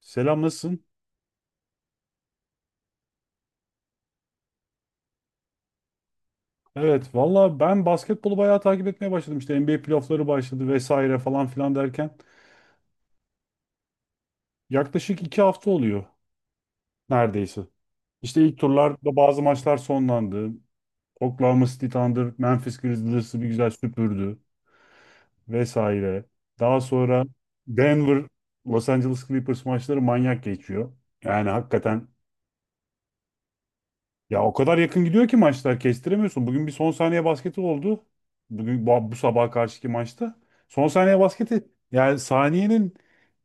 Selam nasılsın? Evet valla ben basketbolu bayağı takip etmeye başladım. İşte NBA playoffları başladı vesaire falan filan derken. Yaklaşık 2 hafta oluyor neredeyse. İşte ilk turlarda bazı maçlar sonlandı. Oklahoma City Thunder, Memphis Grizzlies'ı bir güzel süpürdü vesaire. Daha sonra Denver, Los Angeles Clippers maçları manyak geçiyor. Yani hakikaten. Ya o kadar yakın gidiyor ki maçlar kestiremiyorsun. Bugün bir son saniye basketi oldu. Bugün bu sabaha karşıki maçta. Son saniye basketi yani saniyenin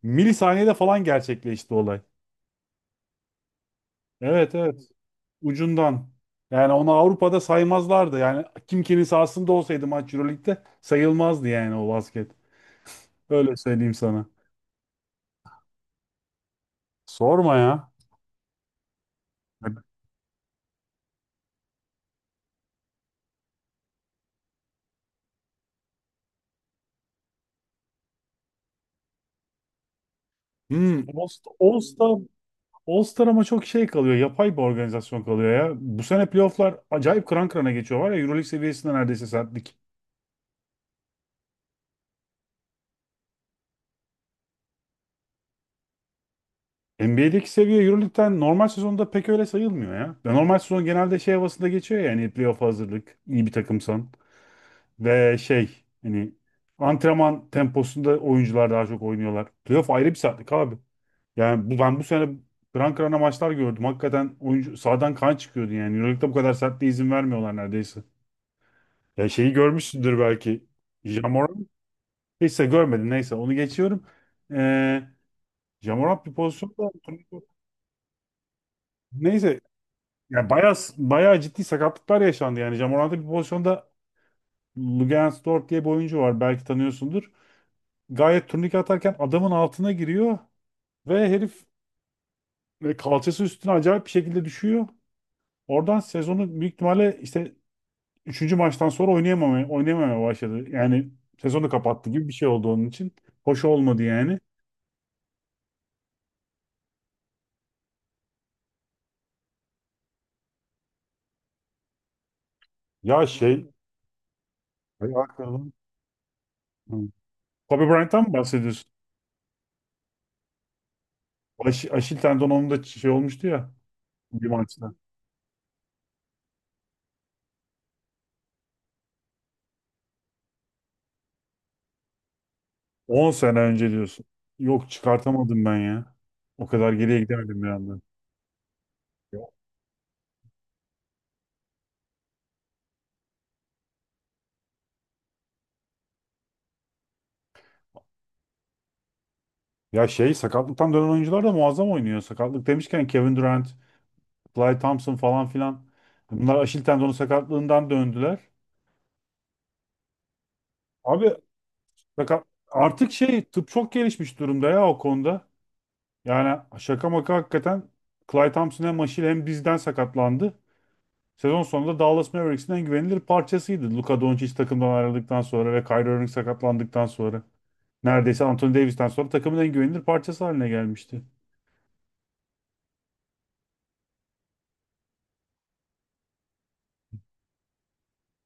milisaniyede falan gerçekleşti olay. Evet, evet, ucundan. Yani onu Avrupa'da saymazlardı. Yani kim kimin sahasında olsaydı maç Euroleague'de sayılmazdı yani o basket. Öyle söyleyeyim sana. Sorma ya. Hmm, All Star, All-Star ama çok şey kalıyor. Yapay bir organizasyon kalıyor ya. Bu sene playofflar acayip kıran kırana geçiyor var ya. Euroleague seviyesinde neredeyse sertlik. NBA'deki seviye Euroleague'den normal sezonda pek öyle sayılmıyor ya. Ya normal sezon genelde şey havasında geçiyor ya. Hani playoff hazırlık, iyi bir takımsan. Ve şey hani antrenman temposunda oyuncular daha çok oynuyorlar. Playoff ayrı bir sertlik abi. Yani bu, ben bu sene kıran kırana maçlar gördüm. Hakikaten oyuncu sahadan kan çıkıyordu yani. Euroleague'de bu kadar sertliğe izin vermiyorlar neredeyse. Ya şeyi görmüşsündür belki. Jamoran. Neyse görmedin neyse onu geçiyorum. Ee, Jamoran bir pozisyonda neyse ya bayağı bayağı ciddi sakatlıklar yaşandı yani Jamoran'da bir pozisyonda Lugens Dort diye bir oyuncu var belki tanıyorsundur. Gayet turnike atarken adamın altına giriyor ve herif kalçası üstüne acayip bir şekilde düşüyor. Oradan sezonu büyük ihtimalle işte üçüncü maçtan sonra oynayamamaya başladı. Yani sezonu kapattı gibi bir şey oldu onun için. Hoş olmadı yani. Ya şey, mı? Ay hakikaten. Hı. Kobe Bryant'tan mı bahsediyorsun? Aşil tendonunda şey olmuştu ya bir maçta. 10 sene önce diyorsun. Yok çıkartamadım ben ya. O kadar geriye gidemedim bir anda. Ya şey sakatlıktan dönen oyuncular da muazzam oynuyor. Sakatlık demişken Kevin Durant, Klay Thompson falan filan. Bunlar Aşil tendonu sakatlığından döndüler. Abi artık şey tıp çok gelişmiş durumda ya o konuda. Yani şaka maka hakikaten Klay Thompson hem Aşil hem dizden sakatlandı. Sezon sonunda Dallas Mavericks'in en güvenilir parçasıydı. Luka Doncic takımdan ayrıldıktan sonra ve Kyrie Irving sakatlandıktan sonra. Neredeyse Anthony Davis'ten sonra takımın en güvenilir parçası haline gelmişti.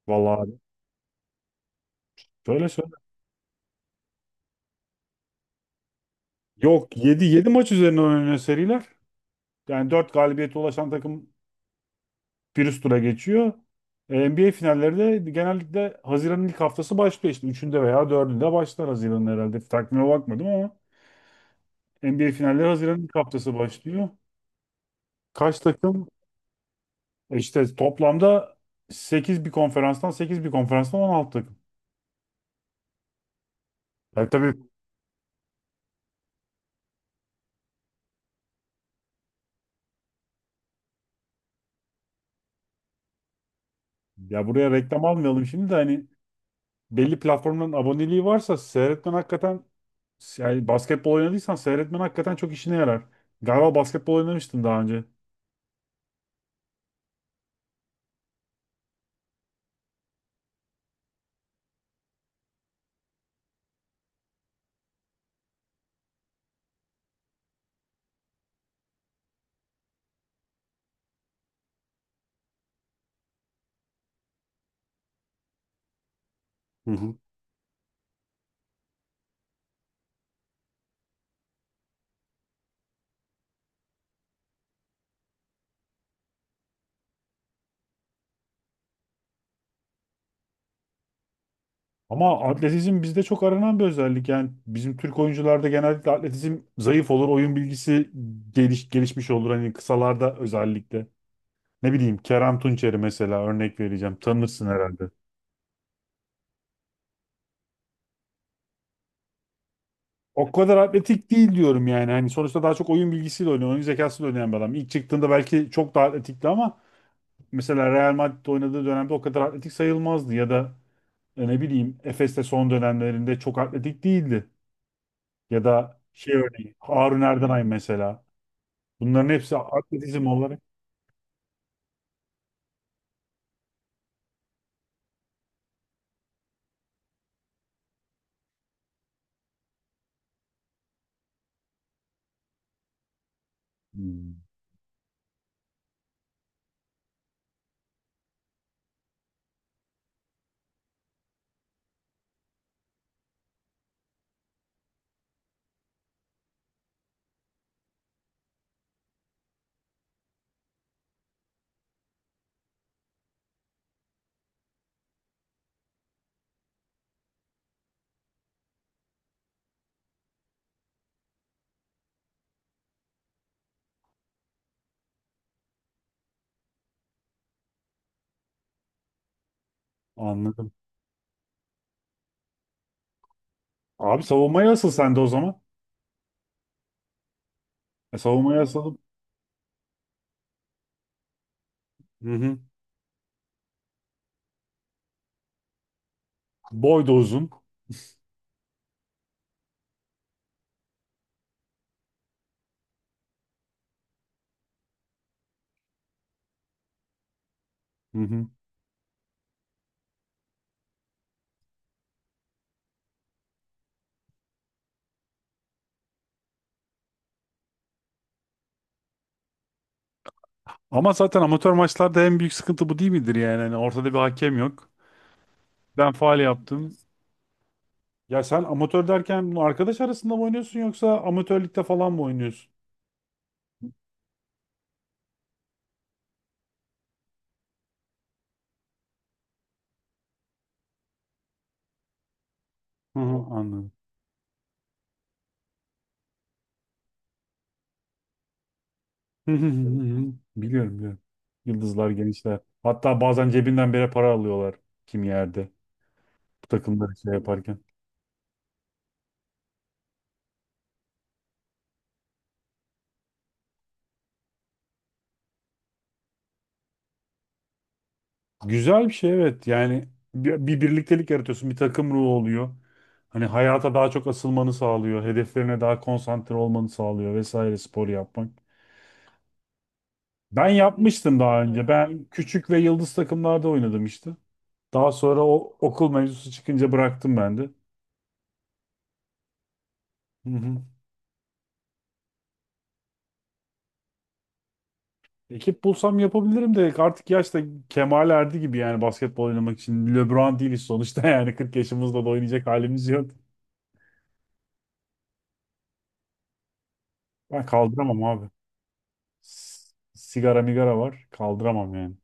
Vallahi abi. Şöyle söyle. Yok yedi maç üzerine oynanıyor seriler. Yani 4 galibiyete ulaşan takım bir üst tura geçiyor. NBA finalleri de genellikle Haziran'ın ilk haftası başlıyor işte. Üçünde veya dördünde başlar Haziran'ın herhalde. Takvime bakmadım ama NBA finalleri Haziran'ın ilk haftası başlıyor. Kaç takım? İşte toplamda sekiz bir konferanstan 16 takım. Ya tabii ya buraya reklam almayalım şimdi de hani belli platformların aboneliği varsa seyretmen hakikaten yani basketbol oynadıysan seyretmen hakikaten çok işine yarar. Galiba basketbol oynamıştın daha önce. Hı hı. Ama atletizm bizde çok aranan bir özellik. Yani bizim Türk oyuncularda genellikle atletizm zayıf olur, oyun bilgisi gelişmiş olur. Hani kısalarda özellikle. Ne bileyim Kerem Tunçeri mesela örnek vereceğim. Tanırsın herhalde. O kadar atletik değil diyorum yani. Hani sonuçta daha çok oyun bilgisiyle oynuyor, oyun zekasıyla oynayan bir adam. İlk çıktığında belki çok daha atletikti ama mesela Real Madrid'de oynadığı dönemde o kadar atletik sayılmazdı ya da ne bileyim Efes'te son dönemlerinde çok atletik değildi. Ya da şey örneği Harun Erdenay mesela. Bunların hepsi atletizm olarak. Hmm, anladım. Abi savunmaya asıl sen de o zaman. Savunmaya asıl. Hı hı. Boy da uzun. Hı hı. Ama zaten amatör maçlarda en büyük sıkıntı bu değil midir yani? Hani ortada bir hakem yok. Ben faal yaptım. Ya sen amatör derken bunu arkadaş arasında mı oynuyorsun yoksa amatörlükte falan mı oynuyorsun? Hı hı, anladım. Hı hı hı hı hı. Biliyorum, biliyorum. Yıldızlar gençler. Hatta bazen cebinden bile para alıyorlar kim yerde. Bu takımları şey yaparken. Güzel bir şey evet. Yani bir birliktelik yaratıyorsun. Bir takım ruhu oluyor. Hani hayata daha çok asılmanı sağlıyor. Hedeflerine daha konsantre olmanı sağlıyor vesaire spor yapmak. Ben yapmıştım daha önce. Ben küçük ve yıldız takımlarda oynadım işte. Daha sonra o okul mevzusu çıkınca bıraktım ben de. Hı hı. Ekip bulsam yapabilirim de artık yaş da kemale erdi gibi yani basketbol oynamak için. LeBron değiliz sonuçta yani 40 yaşımızda da oynayacak halimiz yok. Ben kaldıramam abi. Sigara migara var kaldıramam yani.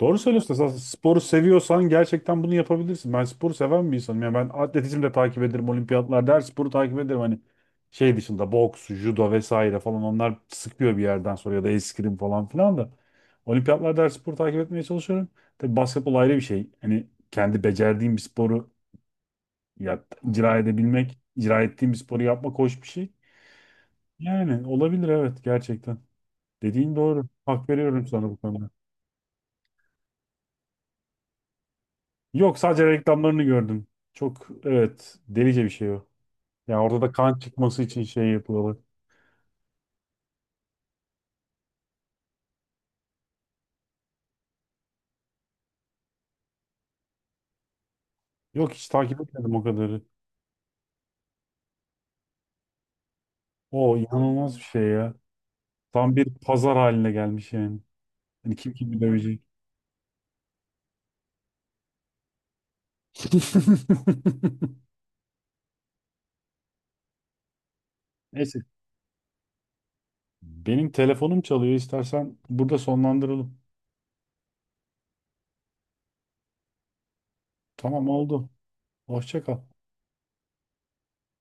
Doğru söylüyorsun. Esas sporu seviyorsan gerçekten bunu yapabilirsin. Ben sporu seven bir insanım. Yani ben atletizm de takip ederim, olimpiyatlarda her sporu takip ederim. Hani şey dışında boks, judo vesaire falan onlar sıkıyor bir yerden sonra ya da eskrim falan filan da. Olimpiyatlarda her sporu takip etmeye çalışıyorum. Tabii basketbol ayrı bir şey. Hani kendi becerdiğim bir sporu ya, icra edebilmek, icra ettiğim bir sporu yapmak hoş bir şey. Yani olabilir evet, gerçekten. Dediğin doğru. Hak veriyorum sana bu konuda. Yok, sadece reklamlarını gördüm. Çok evet, delice bir şey o. Yani orada da kan çıkması için şey yapıyorlar. Yok, hiç takip etmedim o kadarı. O inanılmaz bir şey ya. Tam bir pazar haline gelmiş yani. Hani kim kimi dövecek. Neyse. Benim telefonum çalıyor. İstersen burada sonlandıralım. Tamam, oldu. Hoşça kal.